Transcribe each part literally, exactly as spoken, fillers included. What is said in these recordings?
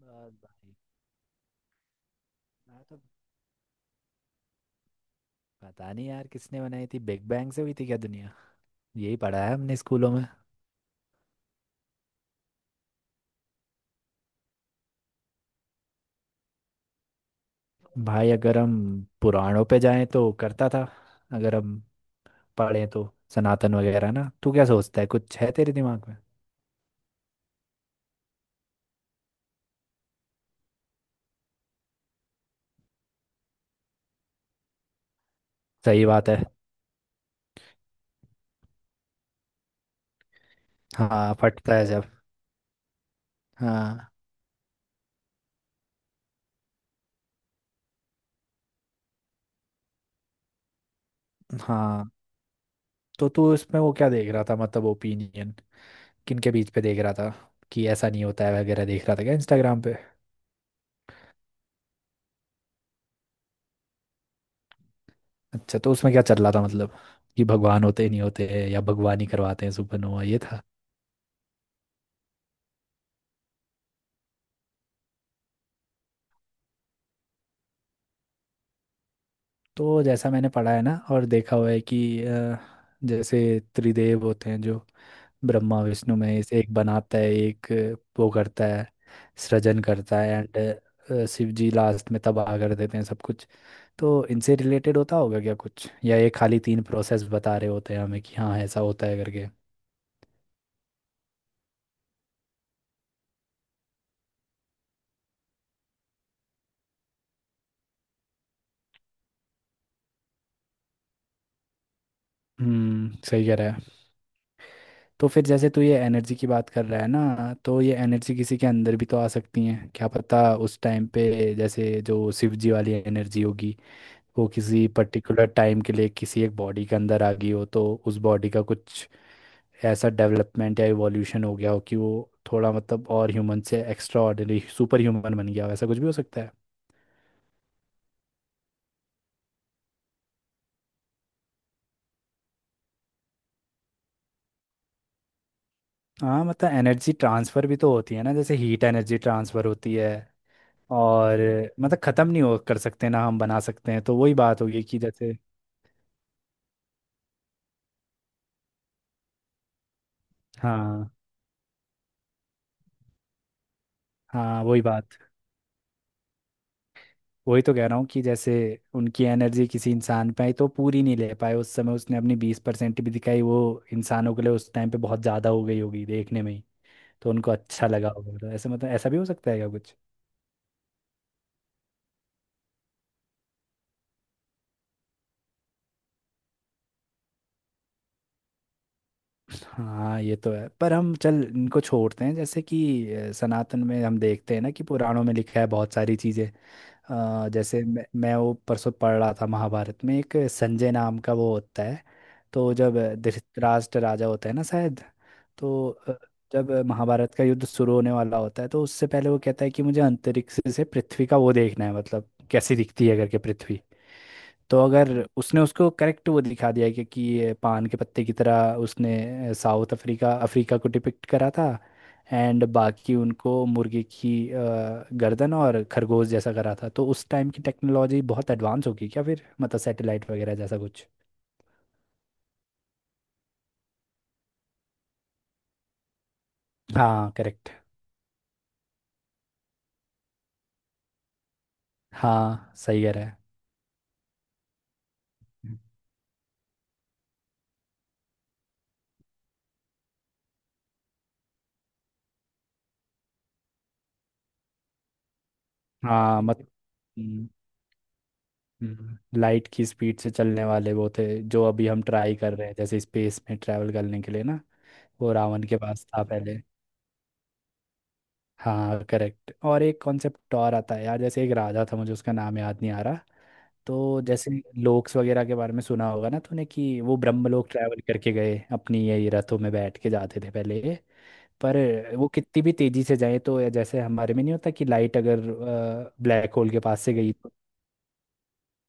बस भाई। मैं तो पता नहीं यार, किसने बनाई थी, बिग बैंग से हुई थी क्या दुनिया। यही पढ़ा है हमने स्कूलों में। भाई अगर हम पुराणों पे जाएं तो करता था। अगर हम पढ़ें तो सनातन वगैरह ना, तू क्या सोचता है, कुछ है तेरे दिमाग में। सही बात है। हाँ फटता है जब। हाँ हाँ। तो तू इसमें वो क्या देख रहा था मतलब, ओपिनियन किनके बीच पे देख रहा था। कि ऐसा नहीं होता है वगैरह देख रहा था क्या इंस्टाग्राम पे। अच्छा तो उसमें क्या चल रहा था मतलब, कि भगवान होते ही नहीं होते हैं या भगवान ही करवाते हैं सुपरनोवा ये था। तो जैसा मैंने पढ़ा है ना और देखा हुआ है कि अ, जैसे त्रिदेव होते हैं जो ब्रह्मा विष्णु महेश, एक बनाता है, एक अ, वो करता है, सृजन करता है। एंड शिव जी लास्ट में तबाह कर देते हैं सब कुछ। तो इनसे रिलेटेड होता होगा क्या कुछ, या ये खाली तीन प्रोसेस बता रहे होते हैं हमें कि हाँ ऐसा होता है करके। हम्म सही कह रहा है। तो फिर जैसे तू ये एनर्जी की बात कर रहा है ना, तो ये एनर्जी किसी के अंदर भी तो आ सकती है क्या पता उस टाइम पे। जैसे जो शिव जी वाली एनर्जी होगी वो किसी पर्टिकुलर टाइम के लिए किसी एक बॉडी के अंदर आ गई हो, तो उस बॉडी का कुछ ऐसा डेवलपमेंट या इवोल्यूशन हो गया हो कि वो थोड़ा मतलब और ह्यूमन से एक्स्ट्रा ऑर्डिनरी सुपर ह्यूमन बन गया हो, ऐसा कुछ भी हो सकता है। हाँ मतलब एनर्जी ट्रांसफ़र भी तो होती है ना, जैसे हीट एनर्जी ट्रांसफ़र होती है और मतलब ख़त्म नहीं हो कर सकते ना, हम बना सकते हैं, तो वही बात होगी कि जैसे। हाँ हाँ वही बात। वही तो कह रहा हूँ कि जैसे उनकी एनर्जी किसी इंसान पे आई तो पूरी नहीं ले पाए उस समय, उसने अपनी बीस परसेंट भी दिखाई वो इंसानों के लिए उस टाइम पे बहुत ज़्यादा हो गई होगी देखने में ही। तो उनको अच्छा लगा होगा, तो ऐसे मतलब ऐसा भी हो सकता है क्या कुछ। हाँ ये तो है पर हम चल इनको छोड़ते हैं, जैसे कि अ, सनातन में हम देखते हैं ना कि पुराणों में लिखा है बहुत सारी चीज़ें। अ, जैसे मैं मैं वो परसों पढ़ रहा था, महाभारत में एक संजय नाम का वो होता है। तो जब धृतराष्ट्र राजा होता है ना शायद। तो अ, जब महाभारत का युद्ध शुरू होने वाला होता है तो उससे पहले वो कहता है कि मुझे अंतरिक्ष से पृथ्वी का वो देखना है मतलब कैसी दिखती है करके पृथ्वी। तो अगर उसने उसको करेक्ट वो दिखा दिया कि, कि ये पान के पत्ते की तरह उसने साउथ अफ्रीका अफ्रीका को डिपिक्ट करा था। एंड बाकी उनको मुर्गी की अ, गर्दन और खरगोश जैसा करा था, तो उस टाइम की टेक्नोलॉजी बहुत एडवांस होगी क्या फिर मतलब सैटेलाइट वगैरह जैसा कुछ। हाँ करेक्ट। हाँ सही कह रहा है। हाँ, मत लाइट की स्पीड से चलने वाले वो थे जो अभी हम ट्राई कर रहे हैं जैसे स्पेस में ट्रैवल करने के लिए ना। वो रावण के पास था पहले। हाँ करेक्ट, और एक कॉन्सेप्ट और आता है यार, जैसे एक राजा था मुझे उसका नाम याद नहीं आ रहा। तो जैसे लोक्स वगैरह के बारे में सुना होगा ना तूने, कि वो ब्रह्मलोक ट्रैवल करके गए अपनी यही रथों में बैठ के जाते थे पहले ये। पर वो कितनी भी तेजी से जाए तो ये जैसे हमारे में नहीं होता कि लाइट अगर ब्लैक होल के पास से गई तो।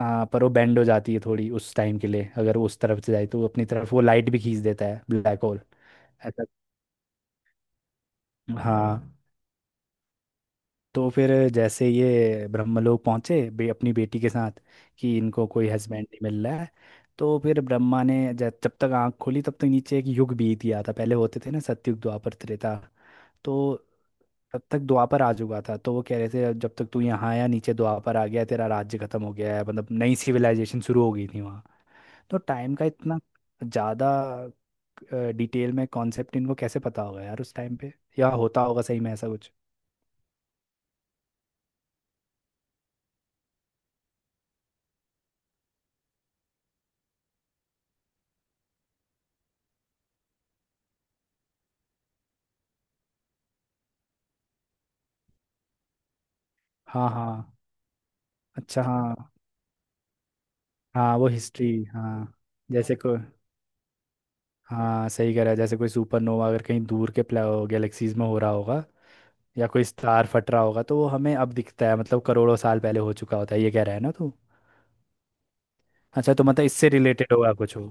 हाँ पर वो बेंड हो जाती है थोड़ी उस टाइम के लिए, अगर वो उस तरफ से जाए तो वो अपनी तरफ वो लाइट भी खींच देता है ब्लैक होल। ऐसा। हाँ। तो फिर जैसे ये ब्रह्मलोक पहुंचे बे, अपनी बेटी के साथ कि इनको कोई हस्बैंड नहीं मिल रहा है। तो फिर ब्रह्मा ने ज- जब तक आंख खोली तब तक नीचे एक युग बीत गया था, पहले होते थे ना सतयुग द्वापर त्रेता। तो तब तक द्वापर आ चुका था, तो वो कह रहे थे "अब जब तक तू यहाँ आया नीचे द्वापर आ गया है, तेरा राज्य खत्म हो गया है", मतलब नई सिविलाइजेशन शुरू हो गई थी वहाँ। तो टाइम का इतना ज़्यादा डिटेल में कॉन्सेप्ट इनको कैसे पता होगा यार उस टाइम पे, या होता होगा सही में ऐसा कुछ। हाँ हाँ। अच्छा हाँ। हाँ वो हिस्ट्री। हाँ। जैसे को हाँ सही कह रहा है, जैसे कोई सुपरनोवा अगर कहीं दूर के गैलेक्सीज में हो रहा होगा या कोई स्टार फट रहा होगा, तो वो हमें अब दिखता है मतलब करोड़ों साल पहले हो चुका होता है ये कह रहा है ना तू। अच्छा तो मतलब इससे रिलेटेड होगा कुछ हो।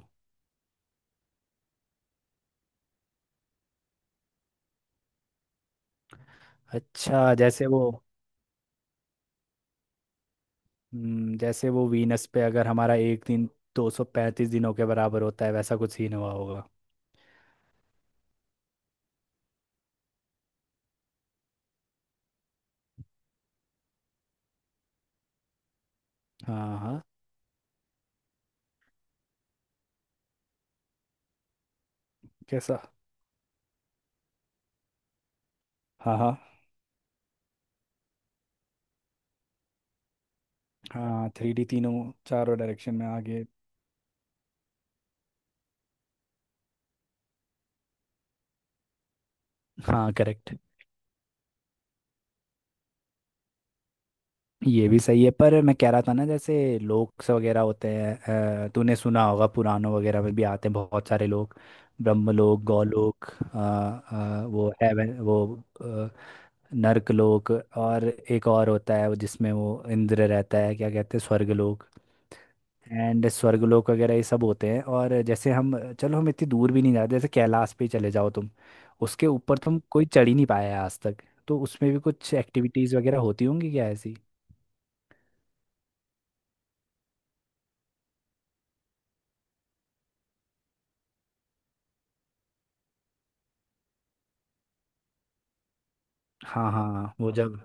अच्छा जैसे वो, हम्म, जैसे वो वीनस पे अगर हमारा एक दिन दो सौ पैंतीस दिनों के बराबर होता है वैसा कुछ सीन हुआ होगा। हाँ हाँ। कैसा। हाँ हाँ। हाँ थ्री डी तीनों चारों डायरेक्शन में आगे। हाँ करेक्ट। ये भी सही है पर मैं कह रहा था ना जैसे लोक्स वगैरह होते हैं अ, तूने सुना होगा पुराणों वगैरह में भी आते हैं बहुत सारे लोग। ब्रह्मलोक गौलोक, अ, अ, वो हेवन वो अ, नर्क लोक, और एक और होता है वो जिसमें वो इंद्र रहता है क्या कहते हैं स्वर्गलोक। एंड स्वर्गलोक वगैरह ये सब होते हैं, और जैसे हम चलो हम इतनी दूर भी नहीं जाते, जैसे कैलाश पे ही चले जाओ तुम। उसके ऊपर तुम कोई चढ़ ही नहीं पाया है आज तक। तो उसमें भी कुछ एक्टिविटीज़ वगैरह होती होंगी क्या ऐसी। हाँ हाँ वो जब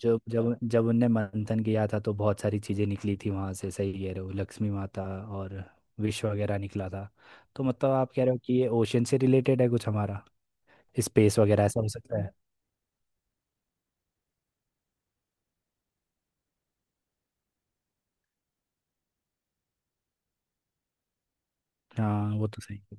जब जब जब उनने मंथन किया था तो बहुत सारी चीज़ें निकली थी वहाँ से, सही कह रहे हो, लक्ष्मी माता और विष वगैरह निकला था। तो मतलब आप कह रहे हो कि ये ओशन से रिलेटेड है कुछ हमारा, स्पेस वगैरह ऐसा हो सकता है। हाँ वो तो सही है।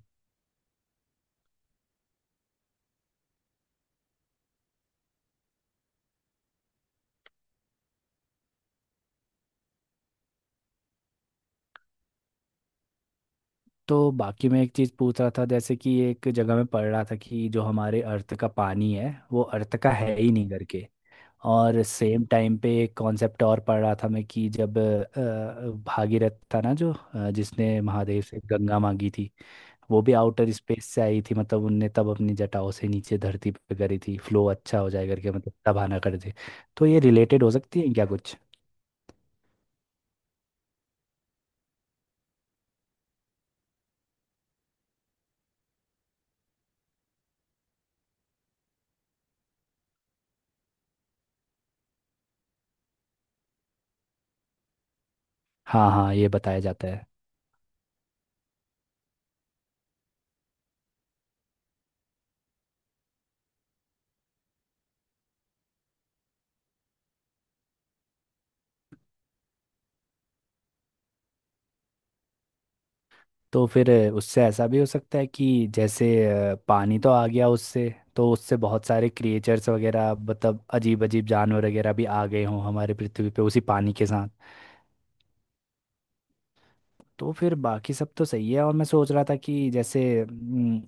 तो बाकी मैं एक चीज़ पूछ रहा था, जैसे कि एक जगह में पढ़ रहा था कि जो हमारे अर्थ का पानी है वो अर्थ का है ही नहीं करके। और सेम टाइम पे एक कॉन्सेप्ट और पढ़ रहा था मैं कि जब अ, भागीरथ था ना जो अ, जिसने महादेव से गंगा मांगी थी, वो भी आउटर स्पेस से आई थी मतलब उनने तब अपनी जटाओं से नीचे धरती पे करी थी फ्लो अच्छा हो जाए करके मतलब तब आना कर दे। तो ये रिलेटेड हो सकती है क्या कुछ। हाँ हाँ ये बताया जाता है। तो फिर अ, उससे ऐसा भी हो सकता है कि जैसे अ, पानी तो आ गया उससे, तो उससे बहुत सारे क्रिएचर्स वगैरह मतलब अजीब अजीब जानवर वगैरह भी आ गए हों हमारे पृथ्वी पे उसी पानी के साथ। तो फिर बाकी सब तो सही है, और मैं सोच रहा था कि जैसे हम्म,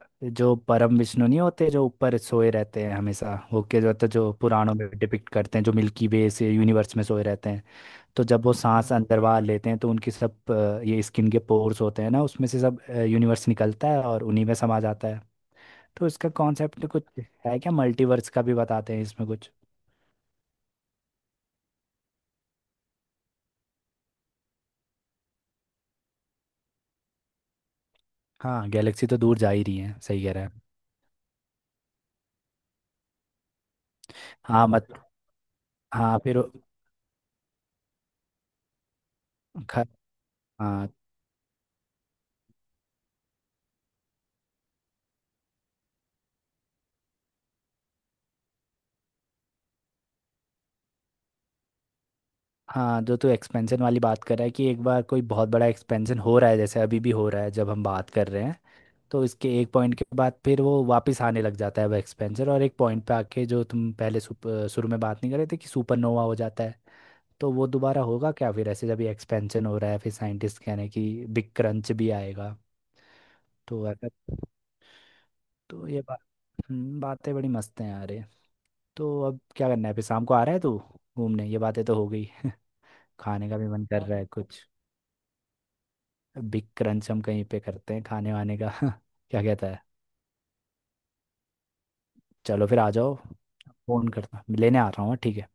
अ, जो परम विष्णु नहीं होते जो ऊपर सोए रहते हैं हमेशा होके जो होते जो पुराणों में डिपिक्ट करते हैं जो मिल्की वे से यूनिवर्स में सोए रहते हैं। तो जब वो सांस अंदर बाहर लेते हैं तो उनकी सब अ, ये स्किन के पोर्स होते हैं ना उसमें से सब यूनिवर्स निकलता है और उन्हीं में समा जाता है। तो इसका कॉन्सेप्ट कुछ है क्या, मल्टीवर्स का भी बताते हैं इसमें कुछ। हाँ गैलेक्सी तो दूर जा ही रही है सही कह रहे हैं। हाँ मत। हाँ फिर। ख- हाँ हाँ, जो तू एक्सपेंशन वाली बात कर रहा है कि एक बार कोई बहुत बड़ा एक्सपेंशन हो रहा है जैसे अभी भी हो रहा है जब हम बात कर रहे हैं। तो इसके एक पॉइंट के बाद फिर वो वापस आने लग जाता है वो एक्सपेंशन, और एक पॉइंट पे आके जो तुम पहले सुप- अ, शुरू में बात नहीं कर रहे थे कि सुपरनोवा हो जाता है। तो वो दोबारा होगा क्या फिर ऐसे, जब ये एक्सपेंशन हो रहा है फिर साइंटिस्ट कह रहे हैं कि बिग क्रंच भी आएगा। तो ऐसा। तो ये बात। हम्म, बातें बड़ी मस्त हैं यार ये। तो अब क्या करना है फिर, शाम को आ रहा है तू घूमने, ये बातें तो हो गई। खाने का भी मन कर रहा है कुछ। बिग क्रंच हम कहीं पे करते हैं खाने वाने का क्या कहता है। चलो फिर आ जाओ। फोन करता लेने आ रहा हूँ ठीक है।